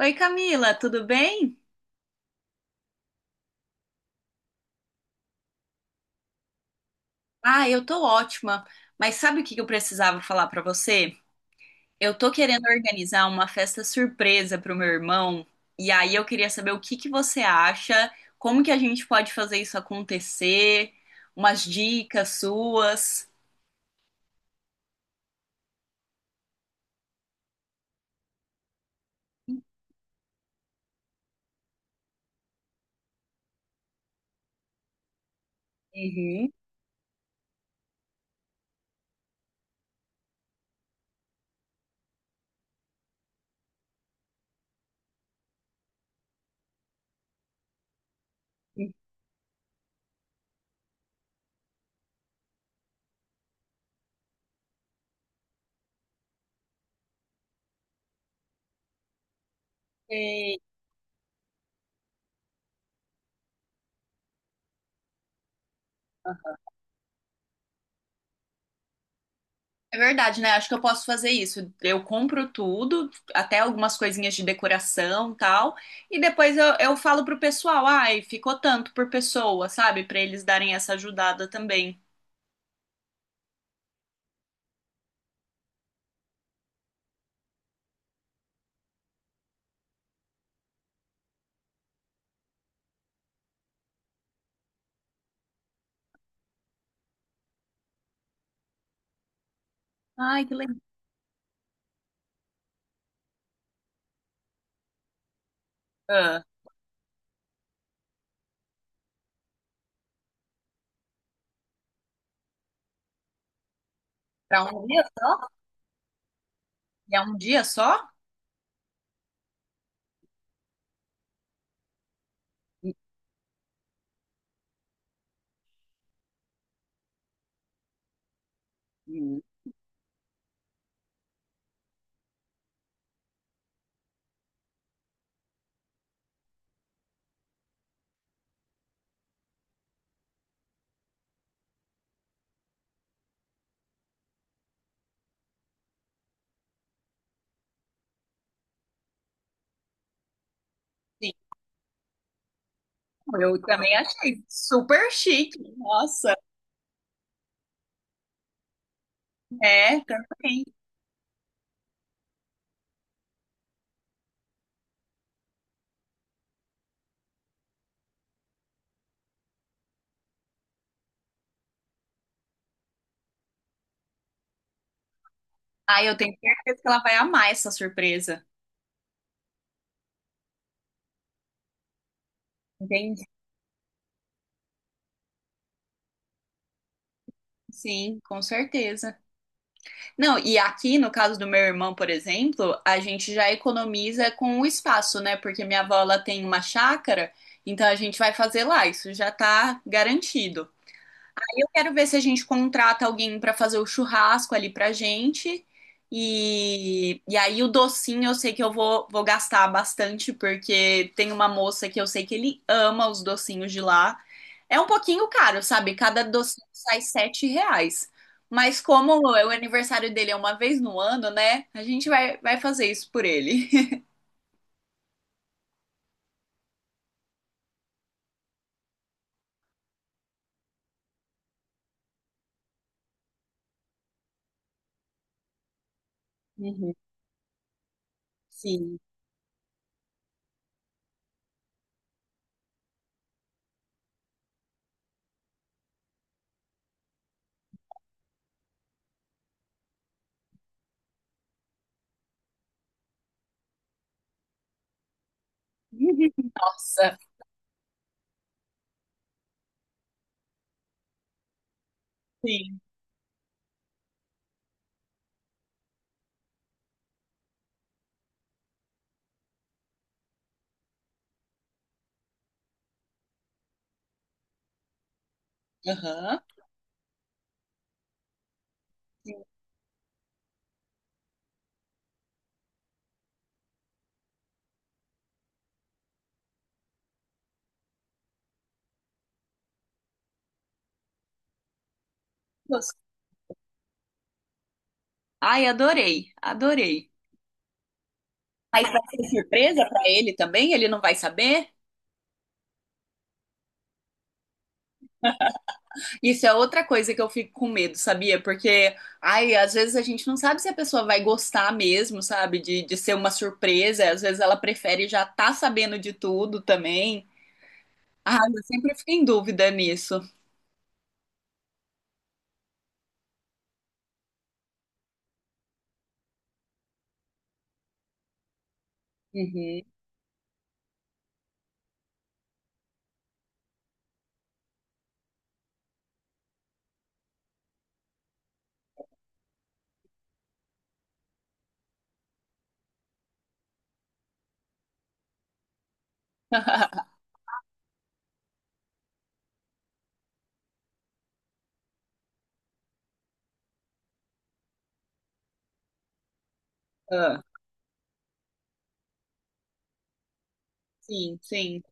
Oi, Camila, tudo bem? Ah, eu tô ótima. Mas sabe o que que eu precisava falar pra você? Eu tô querendo organizar uma festa surpresa pro meu irmão, e aí eu queria saber o que que você acha, como que a gente pode fazer isso acontecer, umas dicas suas. Uhum. Sei. É verdade, né? Acho que eu posso fazer isso. Eu compro tudo, até algumas coisinhas de decoração, tal, e depois eu falo pro pessoal, ai, ficou tanto por pessoa, sabe? Pra eles darem essa ajudada também. Ai, que legal. Ah, pra um dia só? É um dia só? Uhum. Sim, eu também achei super chique. Nossa, é, também. Ai, eu tenho certeza que ela vai amar essa surpresa. Entendi. Sim, com certeza. Não, e aqui no caso do meu irmão, por exemplo, a gente já economiza com o espaço, né? Porque minha avó ela tem uma chácara, então a gente vai fazer lá, isso já tá garantido. Eu quero ver se a gente contrata alguém para fazer o churrasco ali pra gente. E aí o docinho eu sei que eu vou gastar bastante, porque tem uma moça que eu sei que ele ama os docinhos de lá. É um pouquinho caro, sabe? Cada docinho sai R$ 7. Mas como o aniversário dele é uma vez no ano, né? A gente vai fazer isso por ele. Uhum, sim. Nossa, sim. Aham. Sim. Ai, adorei, adorei. Mas vai ser surpresa pra ele também? Ele não vai saber? Isso é outra coisa que eu fico com medo, sabia? Porque, ai, às vezes a gente não sabe se a pessoa vai gostar mesmo, sabe? De ser uma surpresa. Às vezes ela prefere já tá sabendo de tudo também. Ah, eu sempre fico em dúvida nisso. Uhum. Ah, sim, sim.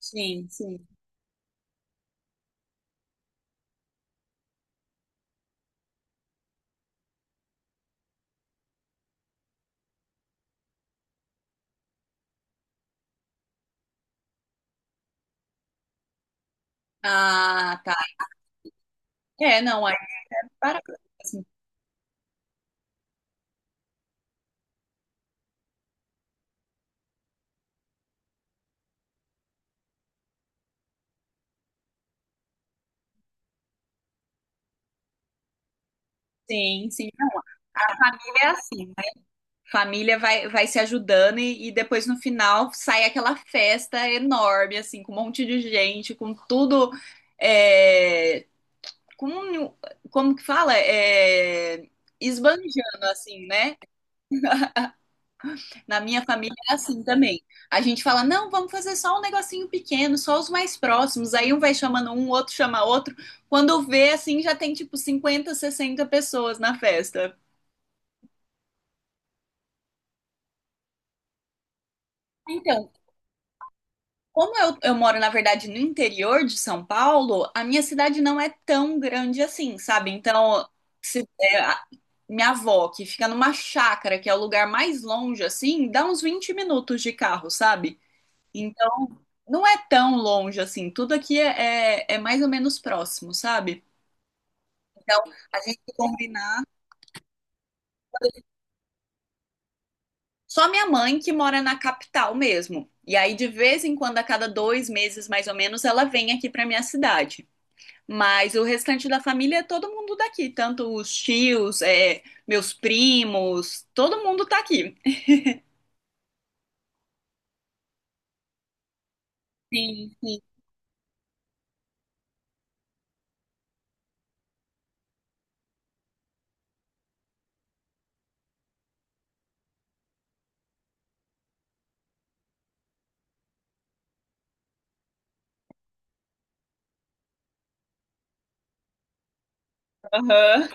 Sim, sim. Ah, tá. É, não, é para mesmo. Sim, sim, é assim. Família vai se ajudando e depois no final sai aquela festa enorme, assim, com um monte de gente, com tudo. É, com, um, como que fala? É, esbanjando, assim, né? Na minha família é assim também. A gente fala, não, vamos fazer só um negocinho pequeno, só os mais próximos. Aí um vai chamando um, outro chama outro. Quando vê, assim, já tem tipo 50, 60 pessoas na festa. Então, como eu moro, na verdade, no interior de São Paulo, a minha cidade não é tão grande assim, sabe? Então, se, é, a- minha avó, que fica numa chácara, que é o lugar mais longe, assim, dá uns 20 minutos de carro, sabe? Então, não é tão longe assim. Tudo aqui é mais ou menos próximo, sabe? Então, a gente combinar. Só minha mãe que mora na capital mesmo. E aí, de vez em quando, a cada 2 meses, mais ou menos, ela vem aqui pra minha cidade. Mas o restante da família é todo mundo daqui, tanto os tios, é, meus primos, todo mundo tá aqui. Sim, sim. Aham.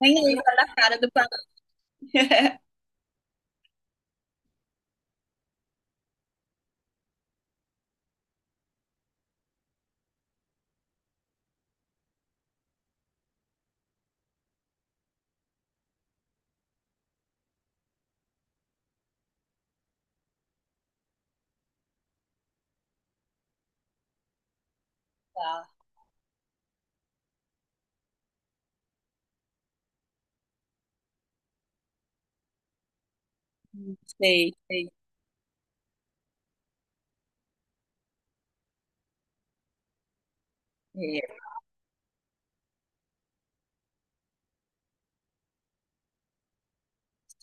Nem lembra da cara do planeta. É, sei, sei. É,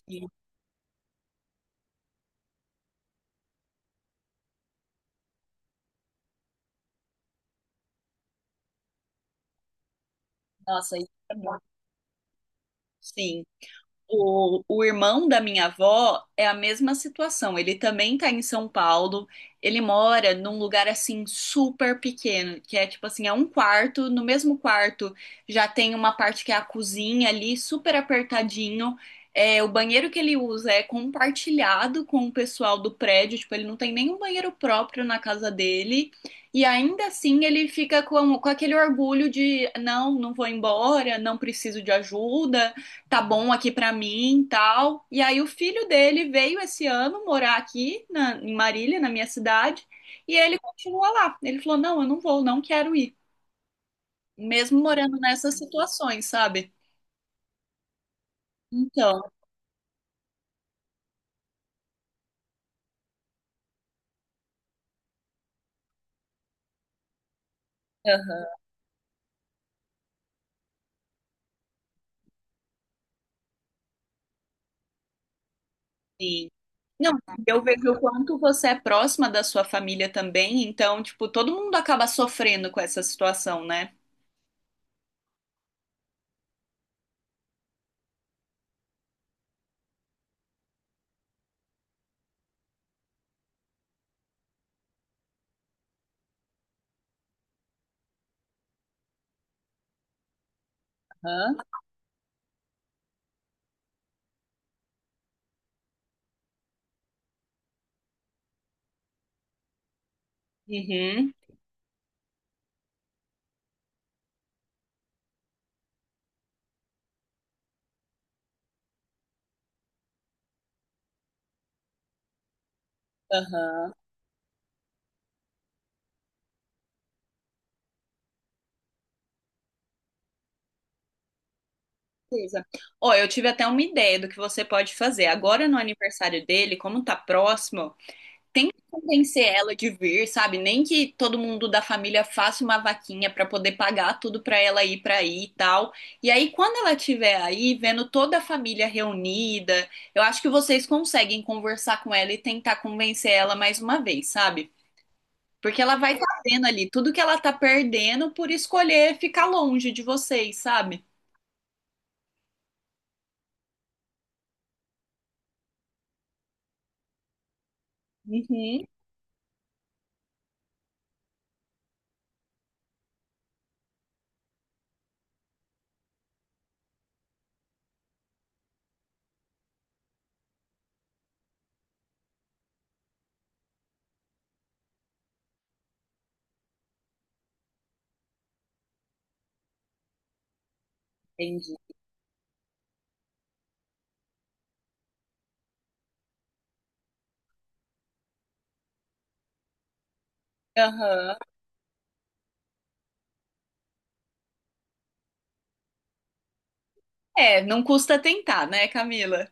sim. Nossa, isso é bom. Sim. O irmão da minha avó é a mesma situação. Ele também tá em São Paulo. Ele mora num lugar assim super pequeno, que é tipo assim, é um quarto. No mesmo quarto já tem uma parte que é a cozinha ali, super apertadinho. É, o banheiro que ele usa é compartilhado com o pessoal do prédio. Tipo, ele não tem nenhum banheiro próprio na casa dele. E ainda assim ele fica com aquele orgulho de não, não vou embora, não preciso de ajuda, tá bom aqui pra mim, e tal. E aí o filho dele veio esse ano morar aqui na- em Marília, na minha cidade, e ele continua lá. Ele falou: "Não, eu não vou, não quero ir", mesmo morando nessas situações, sabe? Então, aham, sim. Não, eu vejo o quanto você é próxima da sua família também, então, tipo, todo mundo acaba sofrendo com essa situação, né? Aham. Uhum. Aham. Beleza. Ó, eu tive até uma ideia do que você pode fazer. Agora no aniversário dele, como tá próximo, tenta convencer ela de vir, sabe? Nem que todo mundo da família faça uma vaquinha pra poder pagar tudo pra ela ir pra aí e tal. E aí, quando ela estiver aí, vendo toda a família reunida, eu acho que vocês conseguem conversar com ela e tentar convencer ela mais uma vez, sabe? Porque ela vai tá vendo ali tudo que ela tá perdendo por escolher ficar longe de vocês, sabe? Uhum, entendi. Aham. É, não custa tentar, né, Camila?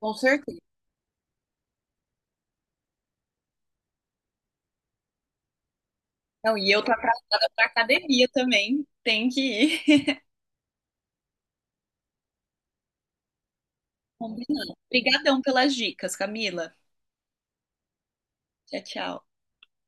Com certeza. Não, e eu tô atrasada pra academia também. Tem que ir. Combinado. Obrigadão pelas dicas, Camila. Tchau, tchau.